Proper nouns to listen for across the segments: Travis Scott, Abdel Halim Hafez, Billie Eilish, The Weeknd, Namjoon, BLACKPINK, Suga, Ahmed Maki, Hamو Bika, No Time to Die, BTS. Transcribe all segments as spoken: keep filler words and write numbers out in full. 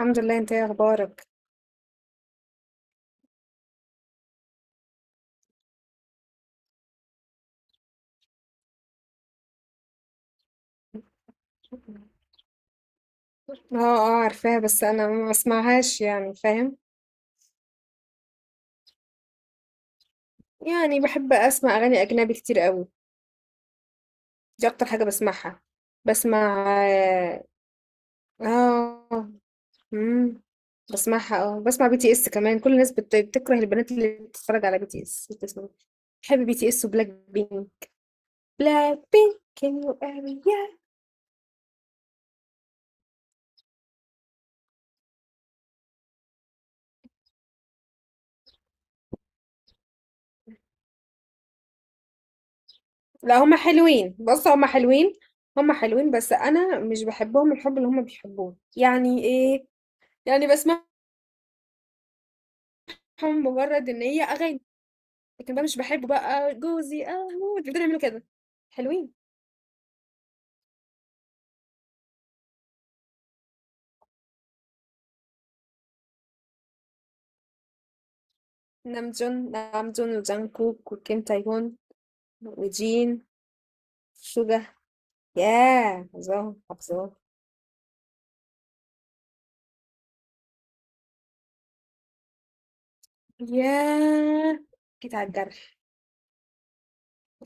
الحمد لله. انت ايه اخبارك؟ اه اه، عارفاها بس انا ما بسمعهاش، يعني فاهم. يعني بحب اسمع اغاني اجنبي كتير قوي. دي اكتر حاجه بسمعها. بسمع اه. اه، امم بسمعها اه. بسمع بي تي اس كمان. كل الناس بت... بتكره البنات اللي بتتفرج على بي تي اس بتسمع. بحب بي تي اس وبلاك بينك. بلاك بينك واريا. لا هما حلوين، بص هما حلوين. هما حلوين بس انا مش بحبهم الحب اللي هما بيحبوه، يعني ايه. يعني بسمع هم مجرد إن هي أغاني، لكن بقى مش باحبه بقى جوزي أموت بيفضلوا يعملوا كده. حلوين. نامجون نامجون وجانكوك وكيم تايهون وجين سوجا. ياه! حافظاهم، حافظاهم. ياه! جيت على الجرح.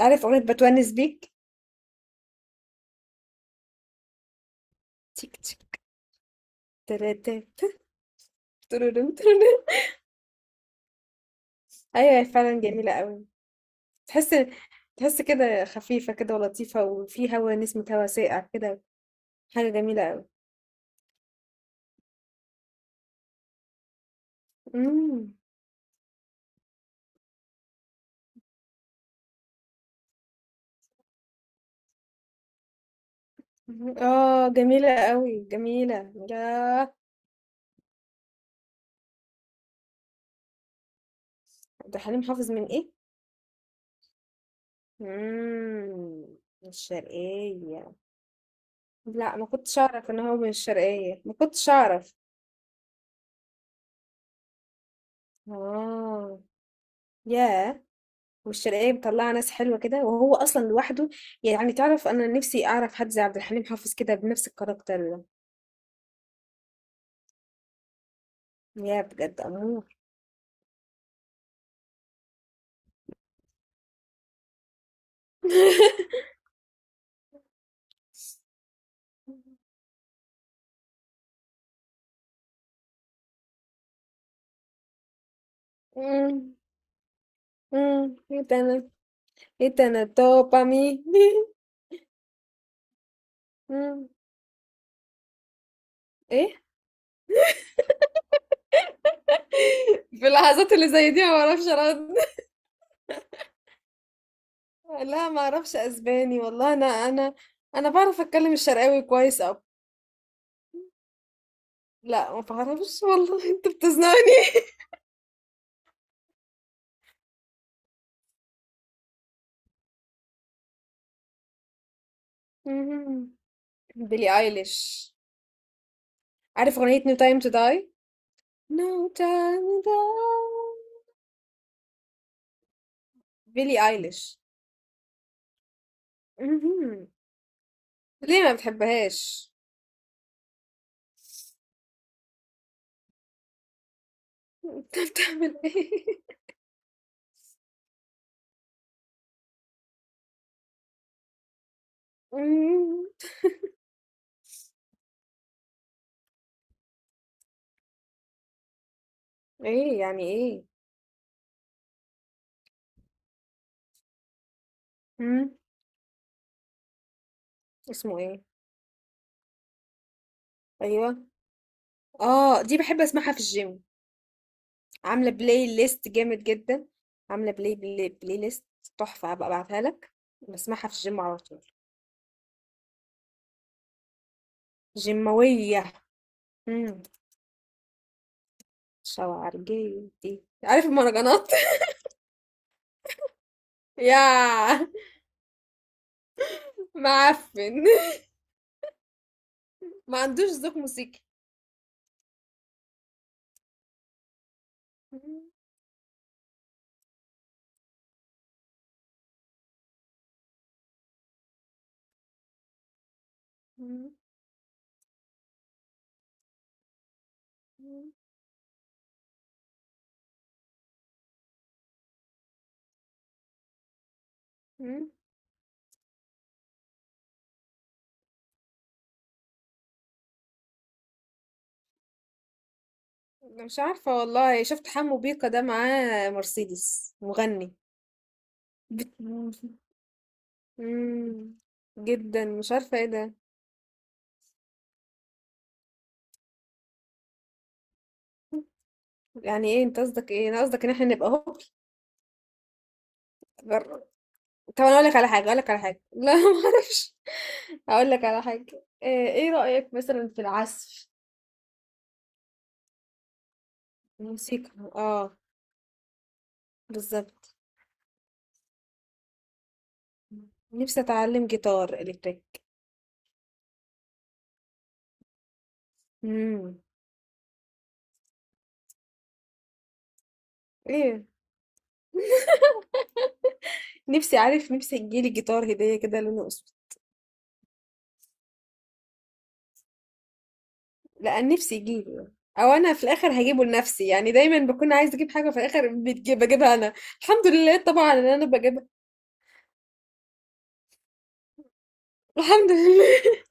عارف أغنية باتونس بيك؟ تيك تيك. تراتات. ترورم ترورم. أيوه، هي فعلًا جميلة أوي. تحس. تحس كده خفيفة كده ولطيفة، وفي هوا نسمة هوا ساقع كده. حاجة جميلة أوي. إمم. اه جميلة قوي، جميلة. لا، عبد الحليم حافظ من ايه؟ مم. من الشرقية. لا ما كنتش اعرف ان هو من الشرقية، ما كنتش اعرف. اه. ياه. والشرقية مطلعة ناس حلوة كده، وهو اصلا لوحده. يعني تعرف انا نفسي اعرف حد زي عبد الحليم حافظ كده بنفس الكاركتر ده. يا بجد امور. مم. مم. ايه تاني؟ ايه تاني؟ دوبامين. مم. ايه. في اللحظات اللي زي دي ما بعرفش ارد. لا ما اعرفش اسباني والله. انا انا انا بعرف اتكلم الشرقاوي كويس او لا. ما بعرفش والله. انت بتزنقني. مهم. بيلي ايليش. عارف اغنية No Time to Die؟ No Time to Die. بيلي ايليش. مهم. ليه ما بتحبهاش؟ انت بتعمل ايه؟ مم. ايه يعني ايه؟ مم. اسمه ايه؟ ايوه. اه دي بحب اسمعها في الجيم. عاملة بلاي ليست جامد جدا. عاملة بلاي بلاي, بلاي ليست تحفة. هبقى ابعتها لك. بسمعها في الجيم على طول. جيماوية. امم شوارجيتي عارف المهرجانات يا معفن ما عندوش ذوق موسيقي أنا مش عارفة والله شفت حمو بيكا ده معاه مرسيدس مغني بت... مم. جدا مش عارفة ايه ده يعني ايه انت قصدك ايه انا قصدك ان احنا نبقى هوب طب انا اقول لك على حاجه اقول لك على حاجه لا ما اعرفش اقول لك على حاجه آه، ايه رايك مثلا في العزف الموسيقى اه بالظبط نفسي اتعلم جيتار الكتريك امم ايه. نفسي، عارف، نفسي يجيلي جيتار هديه كده لونه اسود. لا، نفسي يجيلي. او انا في الاخر هجيبه لنفسي، يعني دايما بكون عايز اجيب حاجه في الاخر بتجي- بجيبها انا. الحمد لله طبعا ان انا بجيبها. الحمد لله.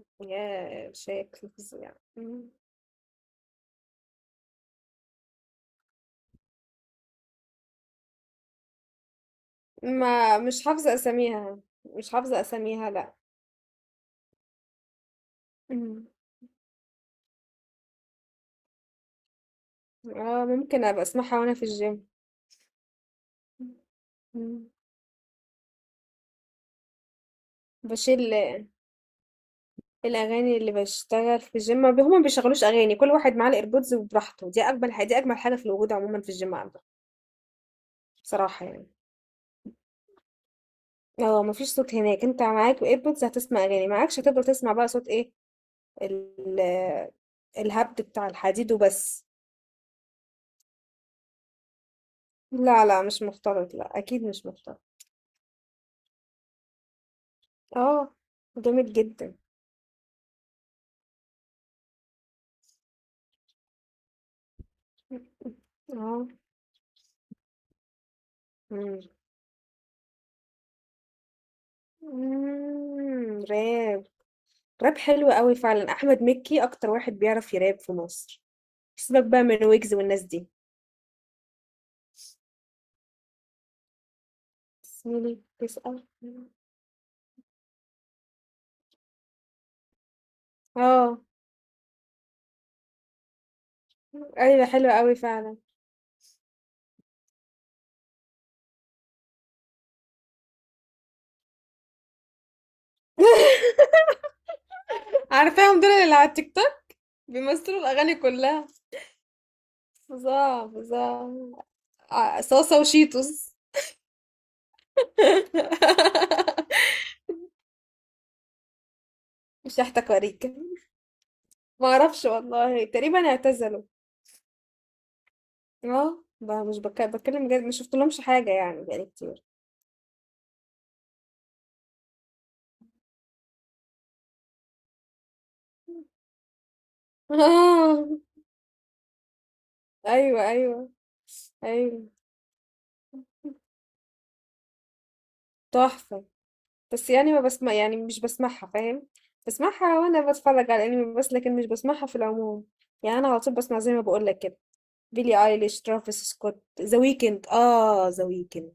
يا شكل فظيع. ما مش حافظة أساميها. مش حافظة أساميها، لأ. مم. اه ممكن أبقى أسمعها وأنا في الجيم. مم. بشيل. الأغاني اللي بشتغل في الجيم، ما بي- هما ما بيشغلوش أغاني. كل واحد معاه الإيربودز وبراحته. دي أجمل حاجة، دي أجمل حاجة في الوجود عموما في الجيم عندك بصراحة، يعني. اه مفيش صوت هناك. انت معاك ايربودز هتسمع أغاني، معاكش هتفضل تسمع بقى صوت ايه؟ ال- الهبد بتاع الحديد وبس. لا لا مش مختلط، لا أكيد مش مختلط. اه. جامد جدا. آه. إمم. إمم، راب. راب حلو أوي فعلًا. أحمد مكي أكتر واحد بيعرف يراب في مصر. سيبك بقى من ويجز والناس دي. تسألني تسأل. آه. أيوه حلو أوي فعلًا. عارفاهم دول اللي على التيك توك بيمثلوا الأغاني كلها. فظاع، فظاع. ع صاصة وشيتوس. مش هاحتكريك. ما أعرفش والله، تقريبًا اعتزلوا. آه، ب مش بك باتكلم بجد، ما شُفتلهمش حاجة يعني بقى لي كتير. آه، أيوه، أيوه، أيوه. تحفة. بس يعني ما باسما يعني مش باسمعها، فاهم؟ باسمعها وأنا باتفرّج على الأنمي بس، لكن مش باسمعها في العموم. يعني أنا على طول باسمع زي ما باقول لك كده، بيلي أيليش، ترافيس سكوت، ذا ويكند، آه ذا ويكند.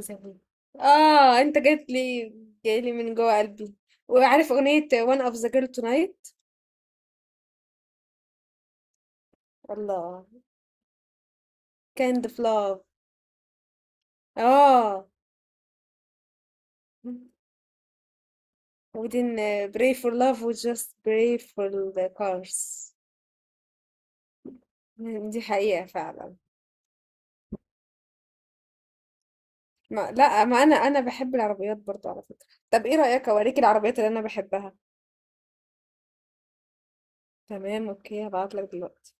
ذا ويكند. آه، أنت جيت لي. جاي لي من جوّه قلبي. وعارف أغنية One of the girl tonight؟ الله! Kind of love. آه. We didn't uh, pray for love, we just pray for the cars. دي حقيقة فعلا. ما لا ما انا انا بحب العربيات برضو على فكرة. طب ايه رأيك اوريك العربيات اللي انا بحبها. تمام اوكي، هبعتلك دلوقتي.